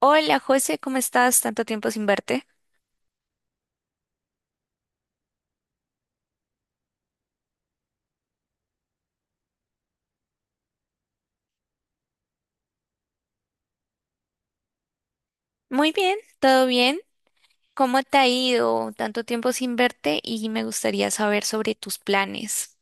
Hola José, ¿cómo estás? Tanto tiempo sin verte. Muy bien, todo bien. ¿Cómo te ha ido? Tanto tiempo sin verte y me gustaría saber sobre tus planes.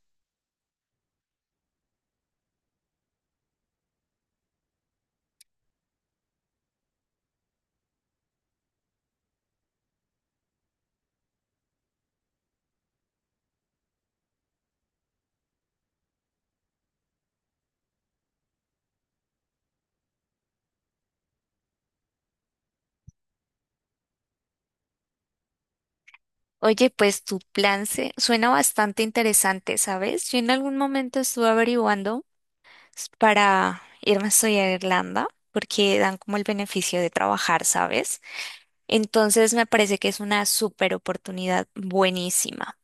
Oye, pues tu plan se suena bastante interesante, ¿sabes? Yo en algún momento estuve averiguando para irme a estudiar a Irlanda porque dan como el beneficio de trabajar, ¿sabes? Entonces me parece que es una súper oportunidad buenísima.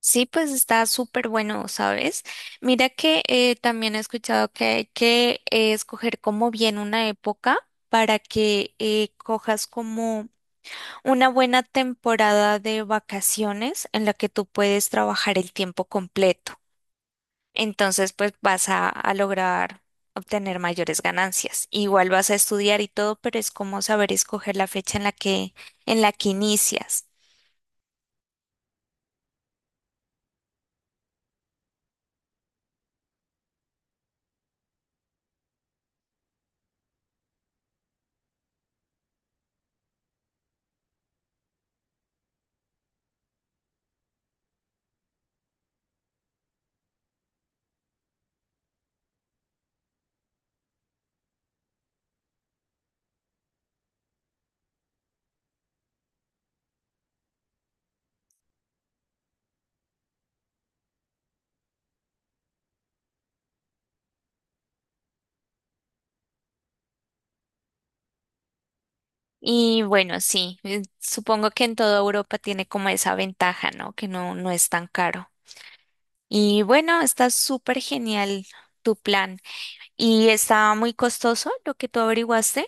Sí, pues está súper bueno, ¿sabes? Mira que también he escuchado que hay que escoger como bien una época para que cojas como una buena temporada de vacaciones en la que tú puedes trabajar el tiempo completo. Entonces, pues vas a lograr obtener mayores ganancias. Igual vas a estudiar y todo, pero es como saber escoger la fecha en la que inicias. Y bueno, sí, supongo que en toda Europa tiene como esa ventaja, ¿no? Que no es tan caro. Y bueno, está súper genial tu plan. ¿Y está muy costoso lo que tú averiguaste?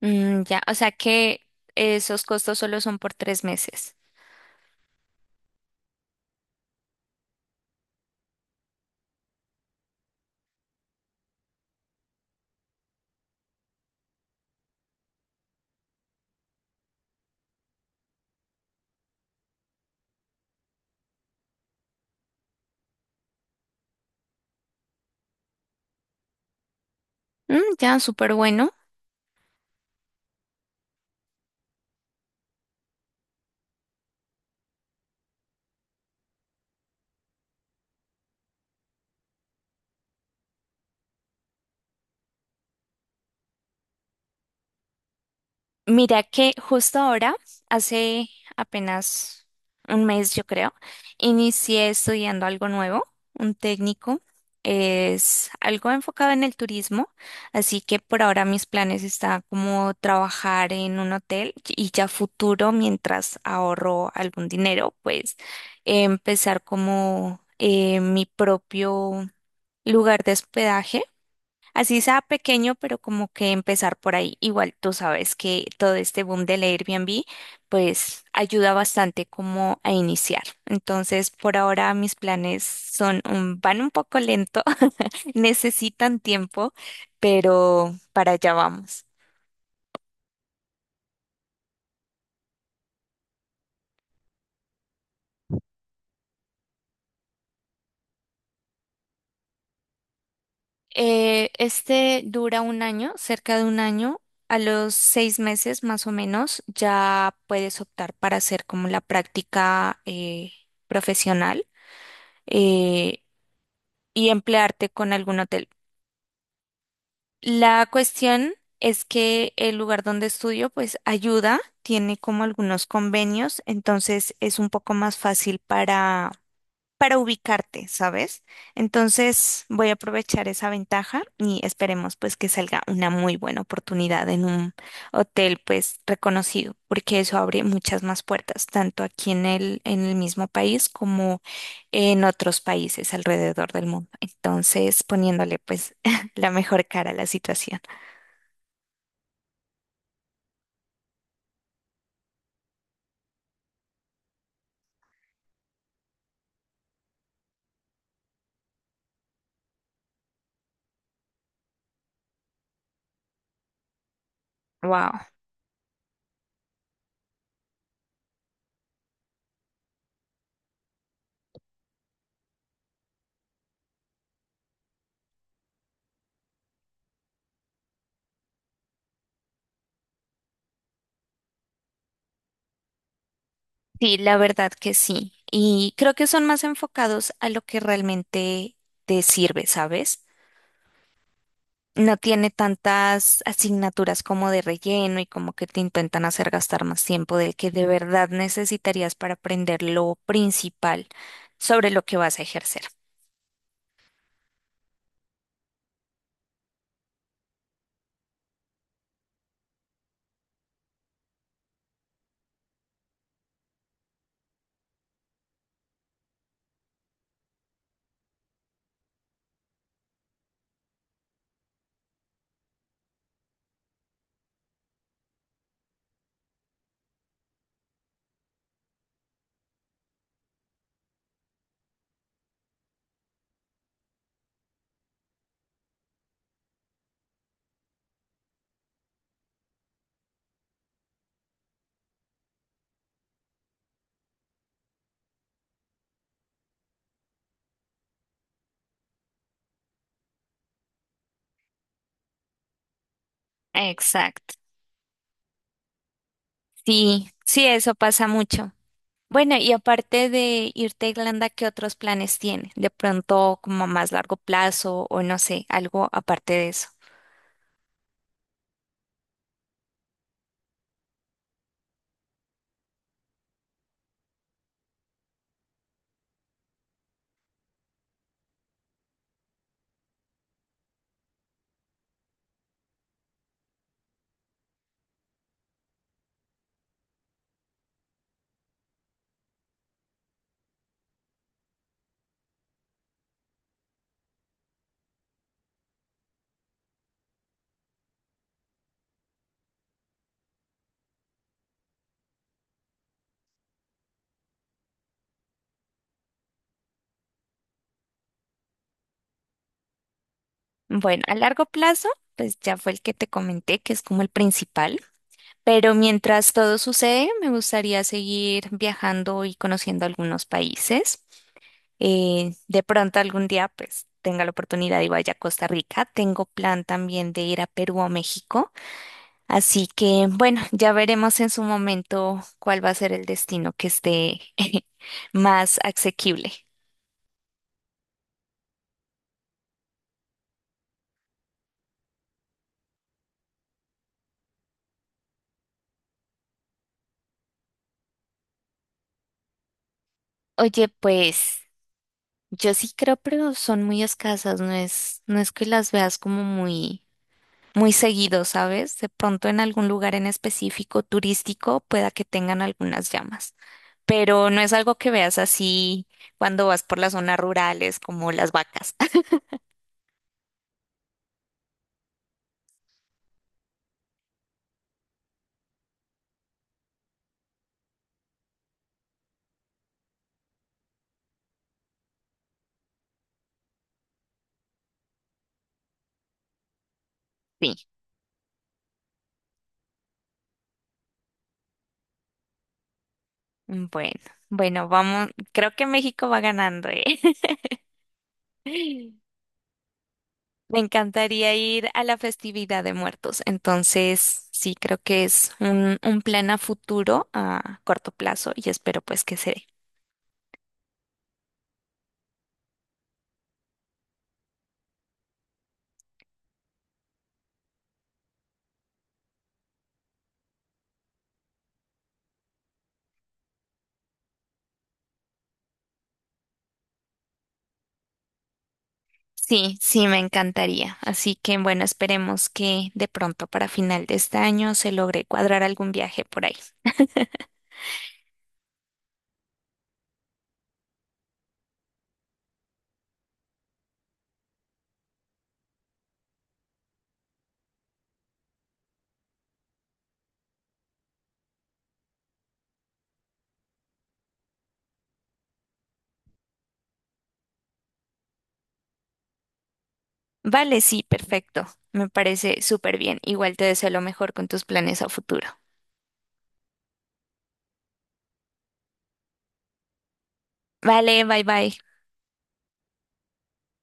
Ya, o sea que esos costos solo son por tres meses. Ya, súper bueno. Mira que justo ahora, hace apenas un mes yo creo, inicié estudiando algo nuevo, un técnico. Es algo enfocado en el turismo, así que por ahora mis planes están como trabajar en un hotel y ya futuro, mientras ahorro algún dinero, pues empezar como mi propio lugar de hospedaje. Así sea pequeño, pero como que empezar por ahí. Igual tú sabes que todo este boom del Airbnb, pues ayuda bastante como a iniciar. Entonces, por ahora mis planes son van un poco lento, necesitan tiempo, pero para allá vamos. Este dura un año, cerca de un año. A los seis meses más o menos ya puedes optar para hacer como la práctica profesional. Eh, y emplearte con algún hotel. La cuestión es que el lugar donde estudio pues ayuda, tiene como algunos convenios, entonces es un poco más fácil para ubicarte, ¿sabes? Entonces voy a aprovechar esa ventaja y esperemos pues que salga una muy buena oportunidad en un hotel pues reconocido, porque eso abre muchas más puertas, tanto aquí en el mismo país como en otros países alrededor del mundo. Entonces poniéndole pues la mejor cara a la situación. Wow. Sí, la verdad que sí. Y creo que son más enfocados a lo que realmente te sirve, ¿sabes? No tiene tantas asignaturas como de relleno y como que te intentan hacer gastar más tiempo del que de verdad necesitarías para aprender lo principal sobre lo que vas a ejercer. Exacto. Sí, sí, eso pasa mucho. Bueno, y aparte de irte a Irlanda, ¿qué otros planes tiene? De pronto, como a más largo plazo o no sé, algo aparte de eso. Bueno, a largo plazo, pues ya fue el que te comenté, que es como el principal. Pero mientras todo sucede, me gustaría seguir viajando y conociendo algunos países. De pronto algún día, pues tenga la oportunidad y vaya a Costa Rica. Tengo plan también de ir a Perú o México. Así que, bueno, ya veremos en su momento cuál va a ser el destino que esté más asequible. Oye, pues. Yo sí creo, pero son muy escasas, no es que las veas como muy, muy seguido, ¿sabes? De pronto en algún lugar en específico turístico pueda que tengan algunas llamas, pero no es algo que veas así cuando vas por las zonas rurales como las vacas. Sí. Bueno, bueno, vamos, creo que México va ganando, ¿eh? Me encantaría ir a la festividad de muertos. Entonces, sí, creo que es un plan a futuro, a corto plazo, y espero pues que se dé. Sí, sí, me encantaría. Así que, bueno, esperemos que de pronto para final de este año se logre cuadrar algún viaje por ahí. Vale, sí, perfecto. Me parece súper bien. Igual te deseo lo mejor con tus planes a futuro. Vale, bye bye.